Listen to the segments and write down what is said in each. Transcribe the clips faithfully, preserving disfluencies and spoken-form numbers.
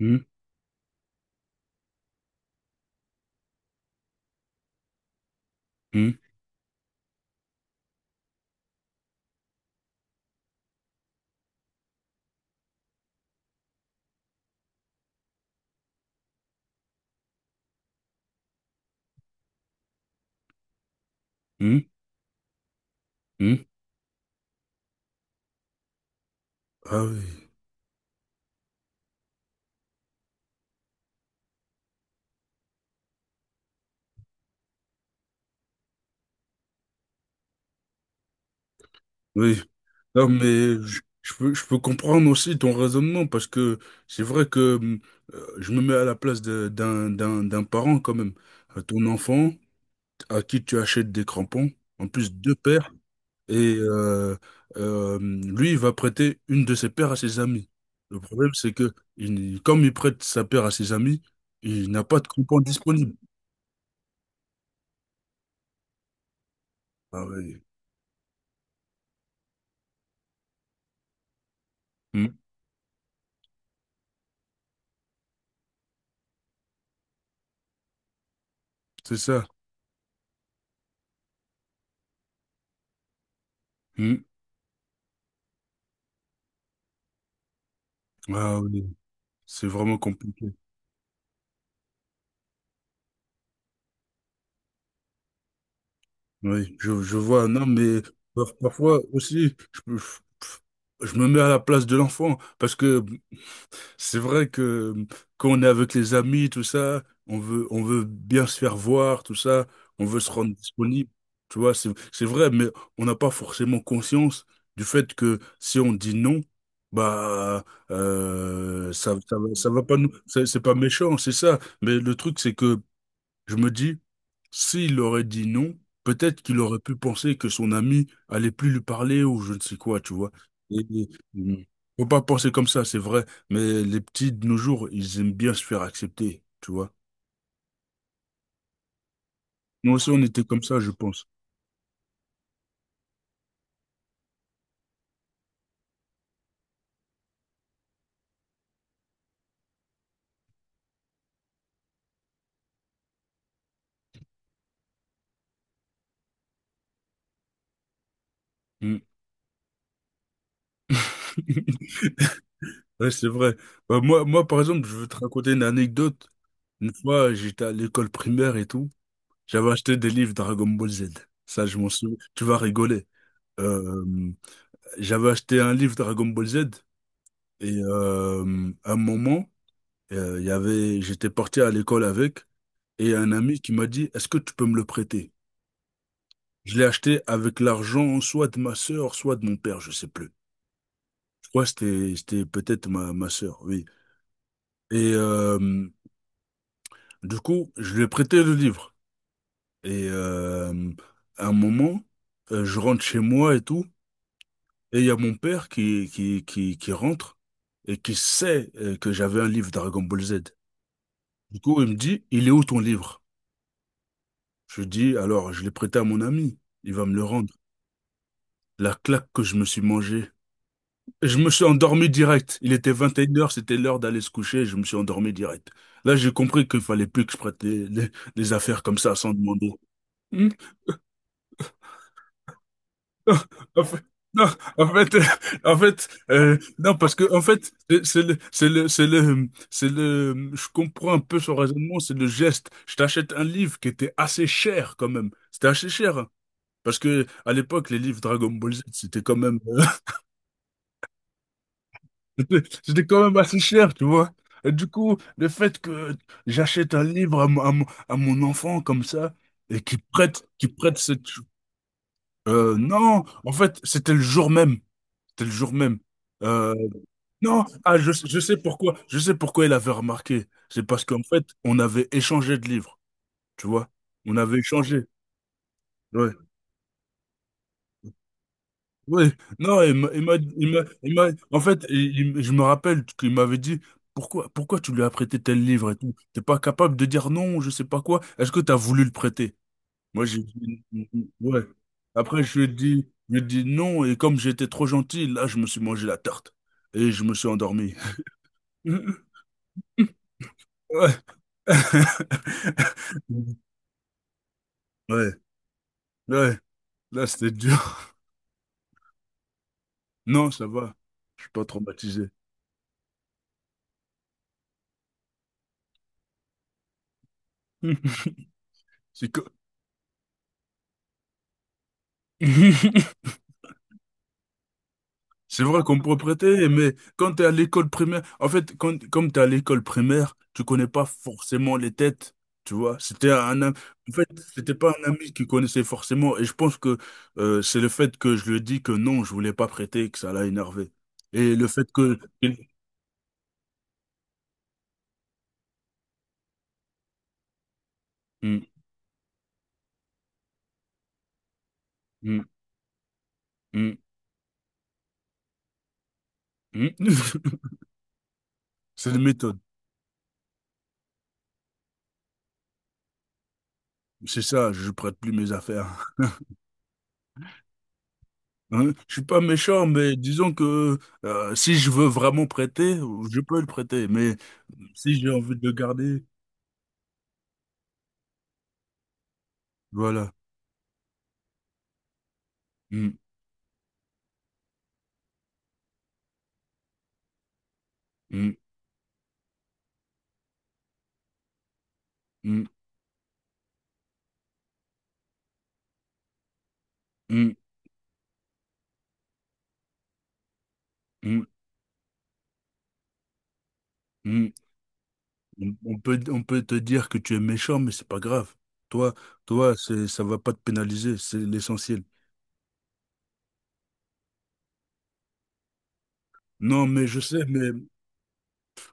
Hmm, hmm, hmm, hmm. Ah oui, oui. Non, mais je, je peux, je peux comprendre aussi ton raisonnement parce que c'est vrai que hum, euh, je me mets à la place de- d'un, d'un, d'un parent quand même. Euh, Ton enfant à qui tu achètes des crampons, en plus deux paires, et euh, euh, lui, il va prêter une de ses paires à ses amis. Le problème, c'est que il- comme il prête sa paire à ses amis, il n'a pas de crampons disponibles. Ah oui. Hmm. C'est ça. Hmm. Ah oui. C'est vraiment compliqué. Oui, je, je vois. Non, mais par- parfois aussi, je, peux- je me mets à la place de l'enfant parce que c'est vrai que quand on est avec les amis, tout ça, on veut, on veut bien se faire voir, tout ça, on veut se rendre disponible. Tu vois, c'est, c'est vrai, mais on n'a pas forcément conscience du fait que si on dit non, bah, euh, ça, ça, va ça va pas nous, c'est c'est pas méchant, c'est ça. Mais le truc, c'est que je me dis, s'il aurait dit non, peut-être qu'il aurait pu penser que son ami allait plus lui parler ou je ne sais quoi, tu vois. Et, et, mm, faut pas penser comme ça, c'est vrai, mais les petits de nos jours, ils aiment bien se faire accepter, tu vois. Nous aussi, on était comme ça, je pense. Mm. Ouais, c'est vrai. Bah, moi, moi, par exemple, je veux te raconter une anecdote. Une fois, j'étais à l'école primaire et tout. J'avais acheté des livres Dragon Ball Z. Ça, je m'en souviens. Tu vas rigoler. Euh, J'avais acheté un livre Dragon Ball Z et euh, à un moment, euh, il y avait, j'étais parti à l'école avec et un ami qui m'a dit, est-ce que tu peux me le prêter? Je l'ai acheté avec l'argent soit de ma sœur, soit de mon père, je sais plus. Je crois que c'était, c'était peut-être ma, ma sœur, oui. Et euh, du coup, je lui ai prêté le livre. Et euh, à un moment, euh, je rentre chez moi et tout, et il y a mon père qui, qui, qui, qui rentre et qui sait euh, que j'avais un livre Dragon Ball Z. Du coup, il me dit, il est où ton livre? Je lui dis, alors, je l'ai prêté à mon ami. Il va me le rendre. La claque que je me suis mangée. Je me suis endormi direct. Il était vingt et une heures. C'était l'heure d'aller se coucher, je me suis endormi direct. Là, j'ai compris qu'il fallait plus que je prête les, les- les affaires comme ça sans demander. Hmm. Non. En fait, non, en fait, euh, en fait, euh, non, parce que, en fait, c'est c'est le, c'est le, c'est le, c'est le, je comprends un peu son raisonnement, c'est le geste. Je t'achète un livre qui était assez cher quand même. C'était assez cher, hein. Parce que à l'époque, les livres Dragon Ball Z, c'était quand même, euh, c'était quand même assez cher, tu vois. Et du coup, le fait que j'achète un livre à, mon à mon- à mon enfant comme ça et qu'il prête, qu'il prête cette, euh, non, en fait, c'était le jour même, c'était le jour même. Euh, non, ah, je, je sais pourquoi, je sais pourquoi il avait remarqué. C'est parce qu'en fait, on avait échangé de livres, tu vois. On avait échangé. Ouais. Oui, non, il m'a, il m'a, il m'a- il m'a- en fait, il- il- je me rappelle qu'il m'avait dit pourquoi, pourquoi tu lui as prêté tel livre et tout. T'es pas capable de dire non, je sais pas quoi. Est-ce que t'as voulu le prêter? Moi, j'ai dit ouais. Après, je lui ai dit, je lui ai dit non, et comme j'étais trop gentil, là, je me suis mangé la tarte et je me suis endormi. Ouais. Ouais, ouais, là, c'était dur. Non, ça va, je suis pas traumatisé. C'est quoi? C'est vrai qu'on peut prêter, mais quand t'es à l'école primaire, en fait, quand, comme t'es à l'école primaire, tu connais pas forcément les têtes, tu vois. C'était un, am- en fait, c'était pas un ami qui connaissait forcément, et je pense que euh, c'est le fait que je lui ai dit que non, je voulais pas prêter, que ça l'a énervé. Et le fait que... Hmm, hmm, hmm, hmm. C'est une méthode. C'est ça, je prête plus mes affaires, hein. Hein? Je suis pas méchant, mais disons que euh, si je veux vraiment prêter, je peux le prêter. Mais si j'ai envie de le garder. Voilà. Hmm, hmm, hmm, hmm, hmm, hmm. On on peut, on peut te dire que tu es méchant, mais c'est pas grave. Toi, toi, c'est, ça va pas te pénaliser, c'est l'essentiel. Non, mais je sais, mais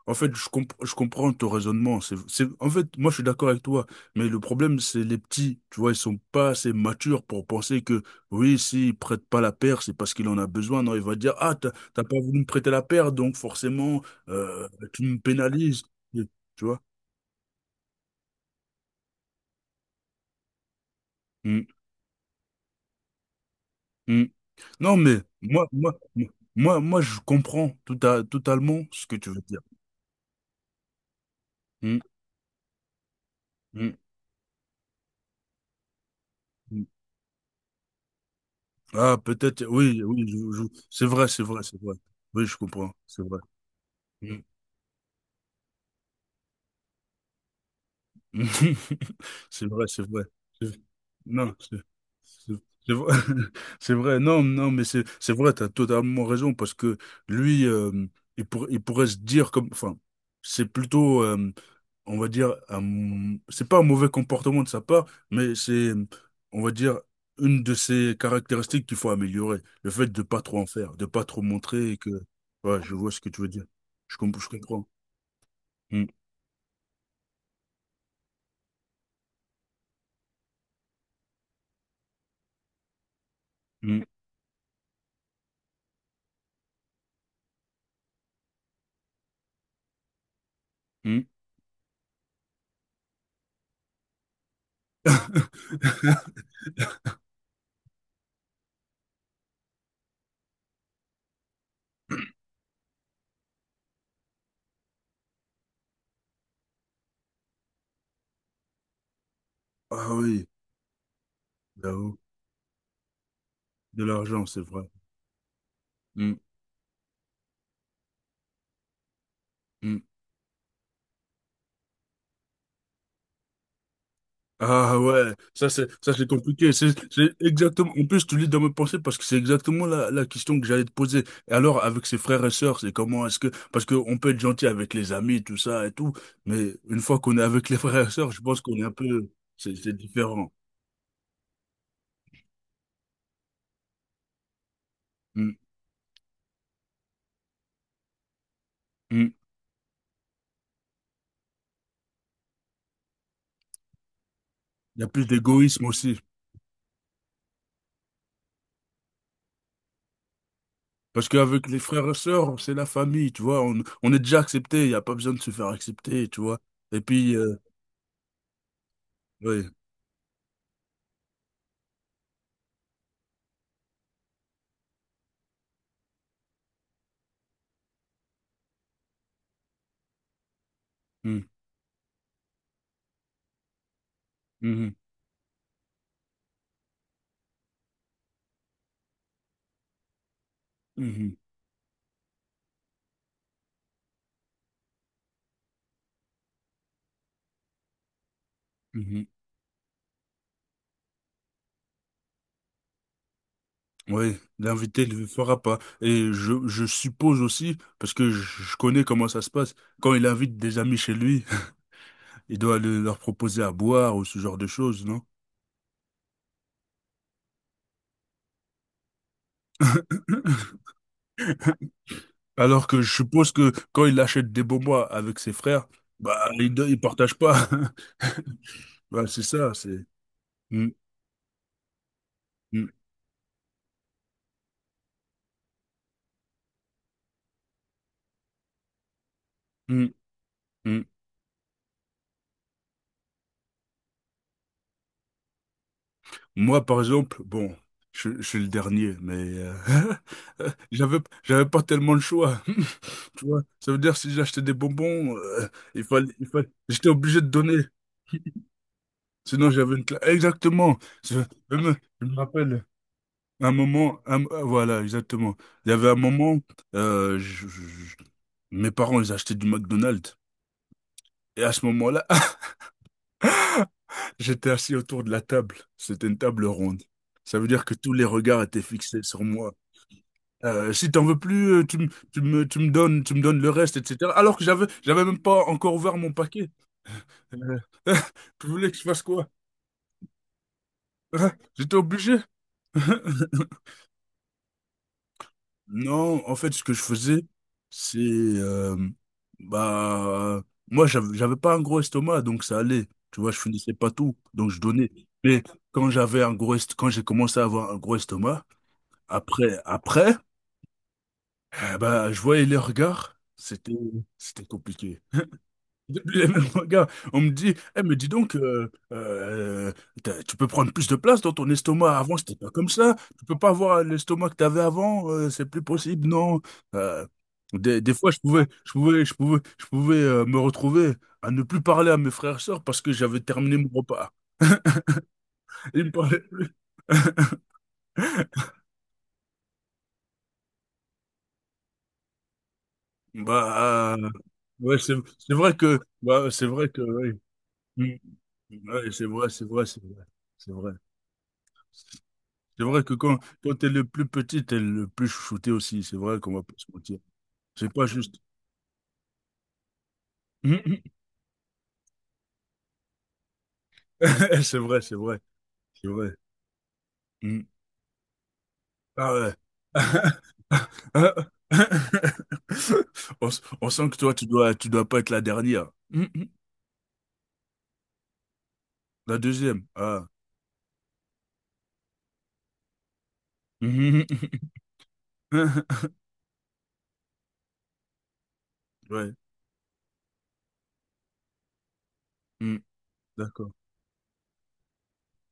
en fait, je comp- je comprends ton raisonnement. C'est, c'est, en fait, moi, je suis d'accord avec toi, mais le problème, c'est les petits. Tu vois, ils sont pas assez matures pour penser que, oui, s'il prête pas la paire, c'est parce qu'il en a besoin. Non, il va dire, ah, t'as t'as pas voulu me prêter la paire, donc forcément, euh, tu me pénalises. Tu vois? Mm. Non, mais moi, moi, moi, moi, je comprends tout à, totalement ce que tu veux dire. Hmm, hmm, hmm. Ah, peut-être, oui, oui, je- je- c'est vrai, c'est vrai, c'est vrai. Oui, je comprends, c'est vrai. Hmm. C'est vrai, c'est vrai. C'est- Non, c'est c'est- c'est vrai. C'est vrai, non, non, mais c'est c'est vrai, tu as totalement raison, parce que lui, euh, il, pour- il pourrait se dire comme, enfin, c'est plutôt euh, on va dire, un- c'est pas un mauvais comportement de sa part, mais c'est, on va dire, une de ses caractéristiques qu'il faut améliorer. Le fait de pas trop en faire, de pas trop montrer et que, ouais, je vois ce que tu veux dire. Je comp- je comprends. Hmm, hmm, hmm. Ah oui, j'avoue. De l'argent, c'est vrai. Hmm, hmm. Ah ouais, ça c'est ça c'est compliqué. C'est c'est exactement. En plus, tu lis dans mes pensées parce que c'est exactement la, la question que j'allais te poser. Et alors, avec ses frères et sœurs, c'est comment est-ce que parce qu'on peut être gentil avec les amis, tout ça et tout, mais une fois qu'on est avec les frères et sœurs, je pense qu'on est un peu c'est c'est différent. Mm, mm. Il y a plus d'égoïsme aussi parce qu'avec les frères et sœurs, c'est la famille, tu vois. On, on est déjà accepté, il n'y a pas besoin de se faire accepter, tu vois. Et puis, euh, ouais. Mm. Mhm, mhm, mhm. Oui, l'invité ne le fera pas. Et je, je suppose aussi, parce que je je connais comment ça se passe, quand il invite des amis chez lui, il doit le- leur proposer à boire ou ce genre de choses, non? Alors que je suppose que quand il achète des bonbons avec ses frères, bah, il ne partage pas. Bah, c'est ça, c'est... Mm, mm, mm, mm. Moi, par exemple, bon, je, je suis le dernier, mais euh, j'avais, j'avais pas tellement le choix. Tu vois, ça veut dire si j'achetais des bonbons, euh, il fallait, il fallait, j'étais obligé de donner. Sinon, j'avais une classe. Exactement. Je, je me, je me rappelle un moment, un- euh, voilà, exactement. Il y avait un moment, euh, je- je- je- mes parents, ils achetaient du McDonald's. Et à ce moment-là, j'étais assis autour de la table. C'était une table ronde. Ça veut dire que tous les regards étaient fixés sur moi. Euh, si t'en veux plus, euh, tu me, tu me, tu me donnes, tu me donnes le reste, et cetera. Alors que j'avais, j'avais même pas encore ouvert mon paquet. Euh, Tu voulais que je fasse quoi? Ah, j'étais obligé. Non, en fait, ce que je faisais, c'est... euh, bah, moi, j'avais j'avais pas un gros estomac, donc ça allait. Tu vois, je finissais pas tout, donc je donnais. Mais quand j'avais un gros est- quand j'ai commencé à avoir un gros estomac, après, après, eh bah, je voyais les regards, c'était, c'était compliqué. Le même gars, on me dit, eh mais dis donc, euh, euh, t'as- tu peux prendre plus de place dans ton estomac. Avant, c'était pas comme ça. Tu peux pas avoir l'estomac que t'avais avant. Euh, c'est plus possible, non. Euh, des, des fois, je pouvais, je pouvais, je pouvais, je pouvais euh, me retrouver à ne plus parler à mes frères et sœurs parce que j'avais terminé mon repas. Ils me parlaient plus. Bah, euh, ouais, c'est c'est vrai que, bah, c'est vrai que, oui. Mm. Ouais, c'est vrai, c'est vrai, c'est vrai, c'est vrai. C'est vrai que quand, quand t'es le plus petit, t'es le plus chouchouté aussi. C'est vrai qu'on va pas se mentir. C'est pas juste. Hum, hum. C'est vrai, c'est vrai, c'est vrai. Hum. Ah ouais. Ah. On, s- on sent que toi, tu dois, tu dois pas être la dernière. Hum, hum. La deuxième. Ah. Hum, hum, hum. Ouais. Hum. D'accord.